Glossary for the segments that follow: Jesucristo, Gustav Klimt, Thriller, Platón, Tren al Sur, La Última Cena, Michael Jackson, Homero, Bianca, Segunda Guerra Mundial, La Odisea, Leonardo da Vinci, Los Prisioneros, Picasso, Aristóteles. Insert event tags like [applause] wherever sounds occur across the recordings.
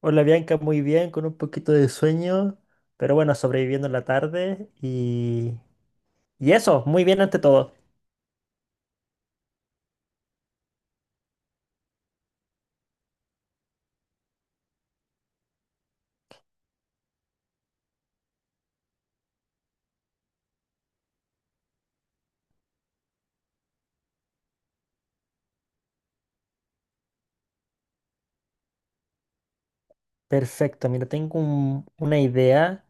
Hola Bianca, muy bien, con un poquito de sueño, pero bueno, sobreviviendo la tarde y eso, muy bien ante todo. Perfecto, mira, tengo una idea.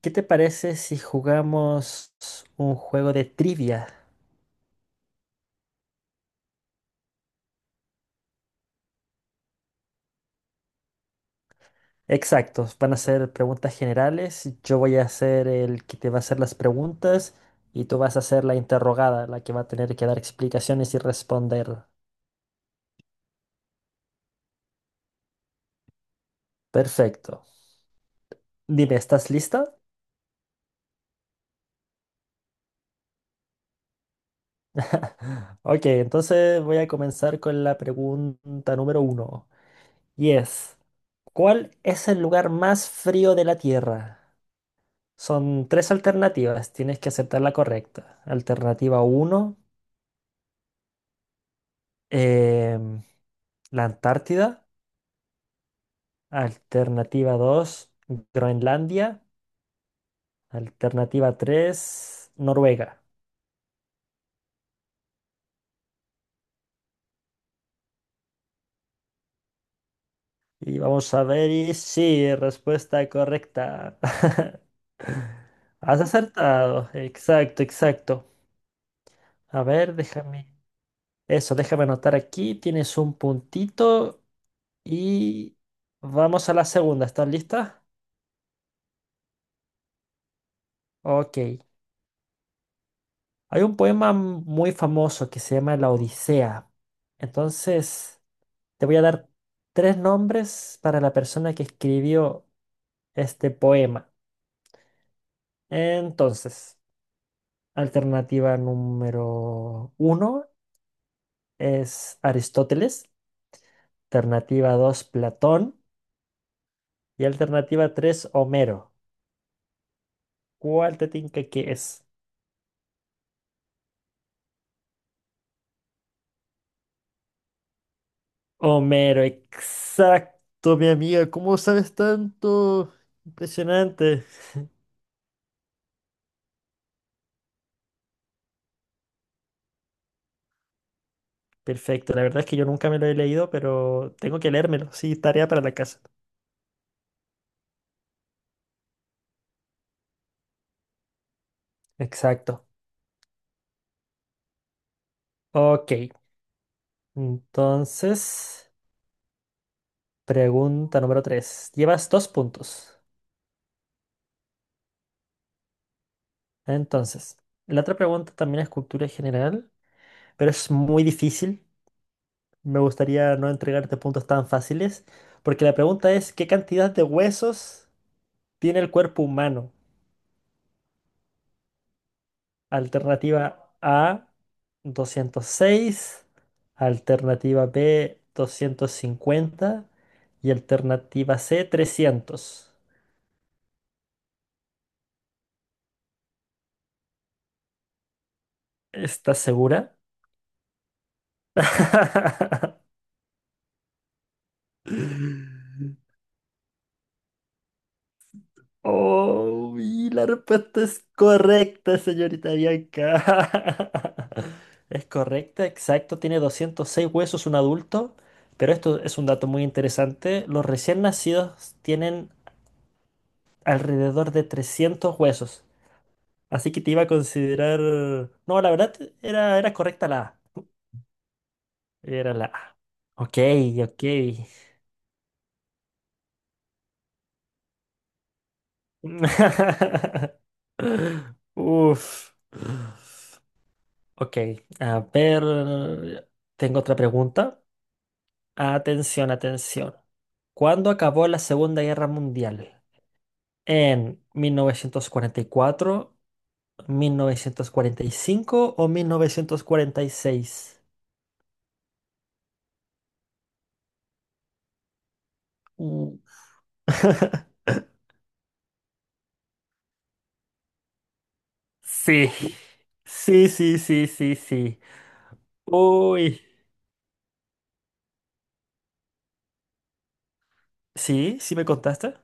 ¿Qué te parece si jugamos un juego de trivia? Exacto, van a ser preguntas generales, yo voy a ser el que te va a hacer las preguntas y tú vas a ser la interrogada, la que va a tener que dar explicaciones y responder. Perfecto. Dime, ¿estás lista? [laughs] Ok, entonces voy a comenzar con la pregunta número uno. Y es, ¿cuál es el lugar más frío de la Tierra? Son tres alternativas, tienes que aceptar la correcta. Alternativa uno, la Antártida. Alternativa 2, Groenlandia. Alternativa 3, Noruega. Y vamos a ver y sí, respuesta correcta. [laughs] Has acertado. Exacto, exacto. A ver, déjame. Eso, déjame anotar aquí. Tienes un puntito y vamos a la segunda. ¿Estás lista? Ok. Hay un poema muy famoso que se llama La Odisea. Entonces, te voy a dar tres nombres para la persona que escribió este poema. Entonces, alternativa número uno es Aristóteles, alternativa dos, Platón y alternativa tres, Homero. ¿Cuál te tinca que es? Homero, exacto, mi amiga. ¿Cómo sabes tanto? Impresionante. Perfecto. La verdad es que yo nunca me lo he leído, pero tengo que leérmelo. Sí, tarea para la casa. Exacto. Ok. Entonces, pregunta número 3. Llevas dos puntos. Entonces, la otra pregunta también es cultura general, pero es muy difícil. Me gustaría no entregarte puntos tan fáciles, porque la pregunta es, ¿qué cantidad de huesos tiene el cuerpo humano? Alternativa A, 206. Alternativa B, 250. Y alternativa C, 300. ¿Estás segura? [laughs] Oh, y la respuesta es correcta, señorita Bianca. [laughs] Es correcta, exacto. Tiene 206 huesos un adulto, pero esto es un dato muy interesante. Los recién nacidos tienen alrededor de 300 huesos. Así que te iba a considerar... No, la verdad era correcta la A. Era la A. Ok, ok. [laughs] Uf. Ok, a ver. Tengo otra pregunta. Atención, atención. ¿Cuándo acabó la Segunda Guerra Mundial? ¿En mil novecientos cuarenta y cuatro, mil novecientos cuarenta y cinco o 1946? Uh. [laughs] Sí, sí, sí, sí, sí, sí. Uy, sí, sí me contaste.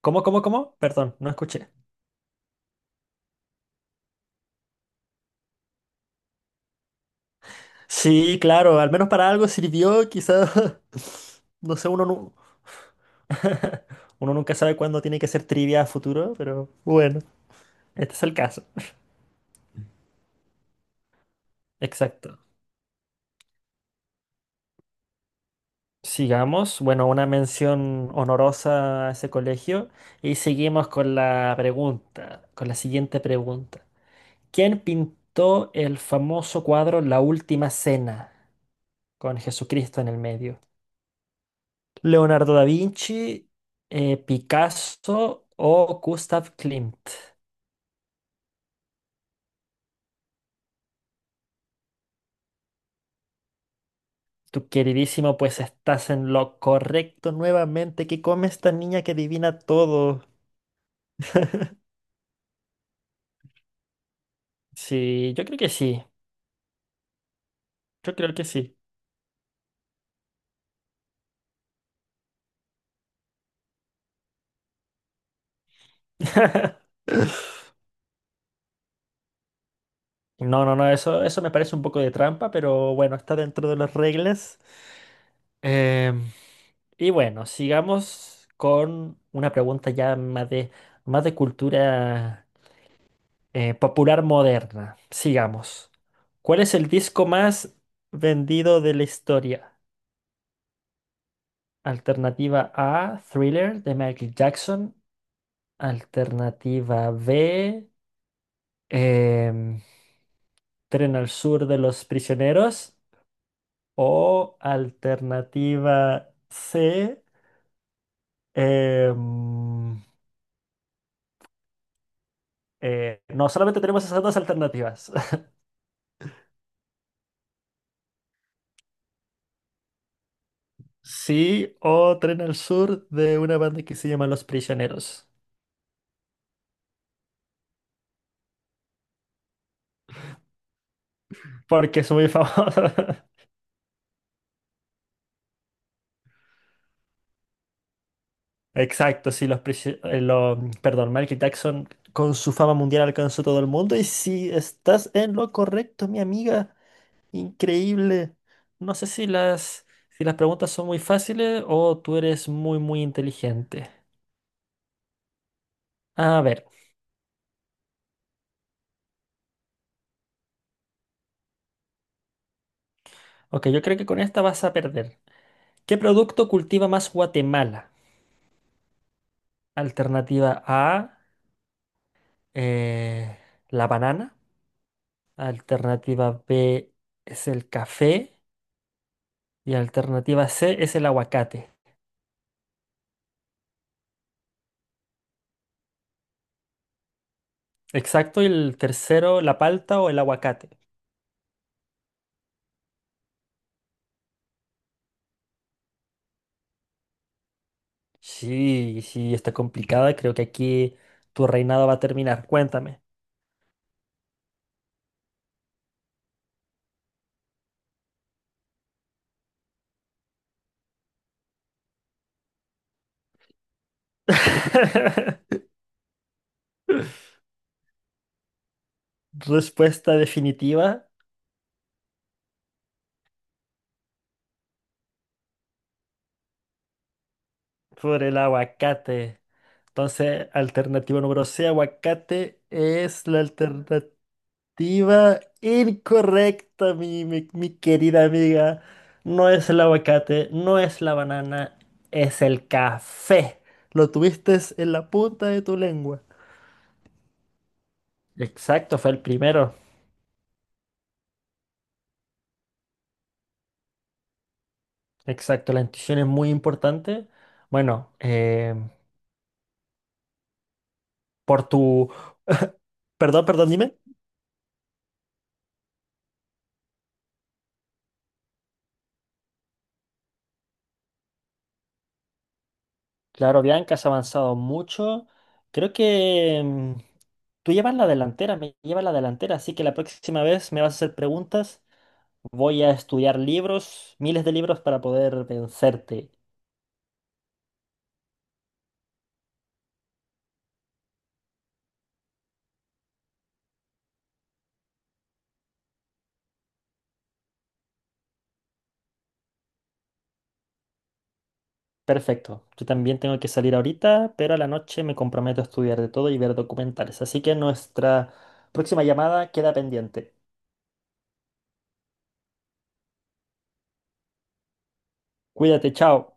¿Cómo, cómo, cómo? Perdón, no escuché. Sí, claro, al menos para algo sirvió, quizás. [laughs] No sé, [laughs] uno nunca sabe cuándo tiene que ser trivia a futuro, pero bueno, este es el caso. Exacto. Sigamos, bueno, una mención honorosa a ese colegio y seguimos con la pregunta, con la siguiente pregunta. ¿Quién pintó el famoso cuadro La Última Cena con Jesucristo en el medio? ¿Leonardo da Vinci, Picasso o Gustav Klimt? Tu queridísimo, pues estás en lo correcto nuevamente. ¿Qué come esta niña que adivina todo? [laughs] Sí, yo creo que sí. Yo creo que sí. [laughs] No, no, no, eso me parece un poco de trampa, pero bueno, está dentro de las reglas. Em, y bueno, sigamos con una pregunta ya más de, cultura popular moderna. Sigamos. ¿Cuál es el disco más vendido de la historia? Alternativa A, Thriller de Michael Jackson. Alternativa B, em, Tren al Sur de los Prisioneros. O alternativa C, em, no solamente tenemos esas dos alternativas. [laughs] Sí, o Tren al Sur de una banda que se llama Los Prisioneros. Porque es muy famosa. [laughs] Exacto, sí, los prisioneros. Perdón, Michael Jackson con su fama mundial alcanzó todo el mundo. Y si estás en lo correcto, mi amiga. Increíble. No sé si las preguntas son muy fáciles o tú eres muy, muy inteligente. A ver, ok, yo creo que con esta vas a perder. ¿Qué producto cultiva más Guatemala? Alternativa A, eh, la banana. Alternativa B es el café. Y alternativa C es el aguacate. Exacto, y el tercero, la palta o el aguacate. Sí, sí, está complicada. Creo que aquí tu reinado va a terminar. Cuéntame. [laughs] Respuesta definitiva por el aguacate. Entonces, alternativa número C, aguacate, es la alternativa. Respuesta incorrecta, mi querida amiga. No es el aguacate, no es la banana, es el café. Lo tuviste en la punta de tu lengua. Exacto, fue el primero. Exacto, la intuición es muy importante. Bueno, por tu... Perdón, perdón, dime. Claro, Bianca, has avanzado mucho. Creo que tú llevas la delantera, me llevas la delantera, así que la próxima vez me vas a hacer preguntas. Voy a estudiar libros, miles de libros para poder vencerte. Perfecto. Yo también tengo que salir ahorita, pero a la noche me comprometo a estudiar de todo y ver documentales. Así que nuestra próxima llamada queda pendiente. Cuídate, chao.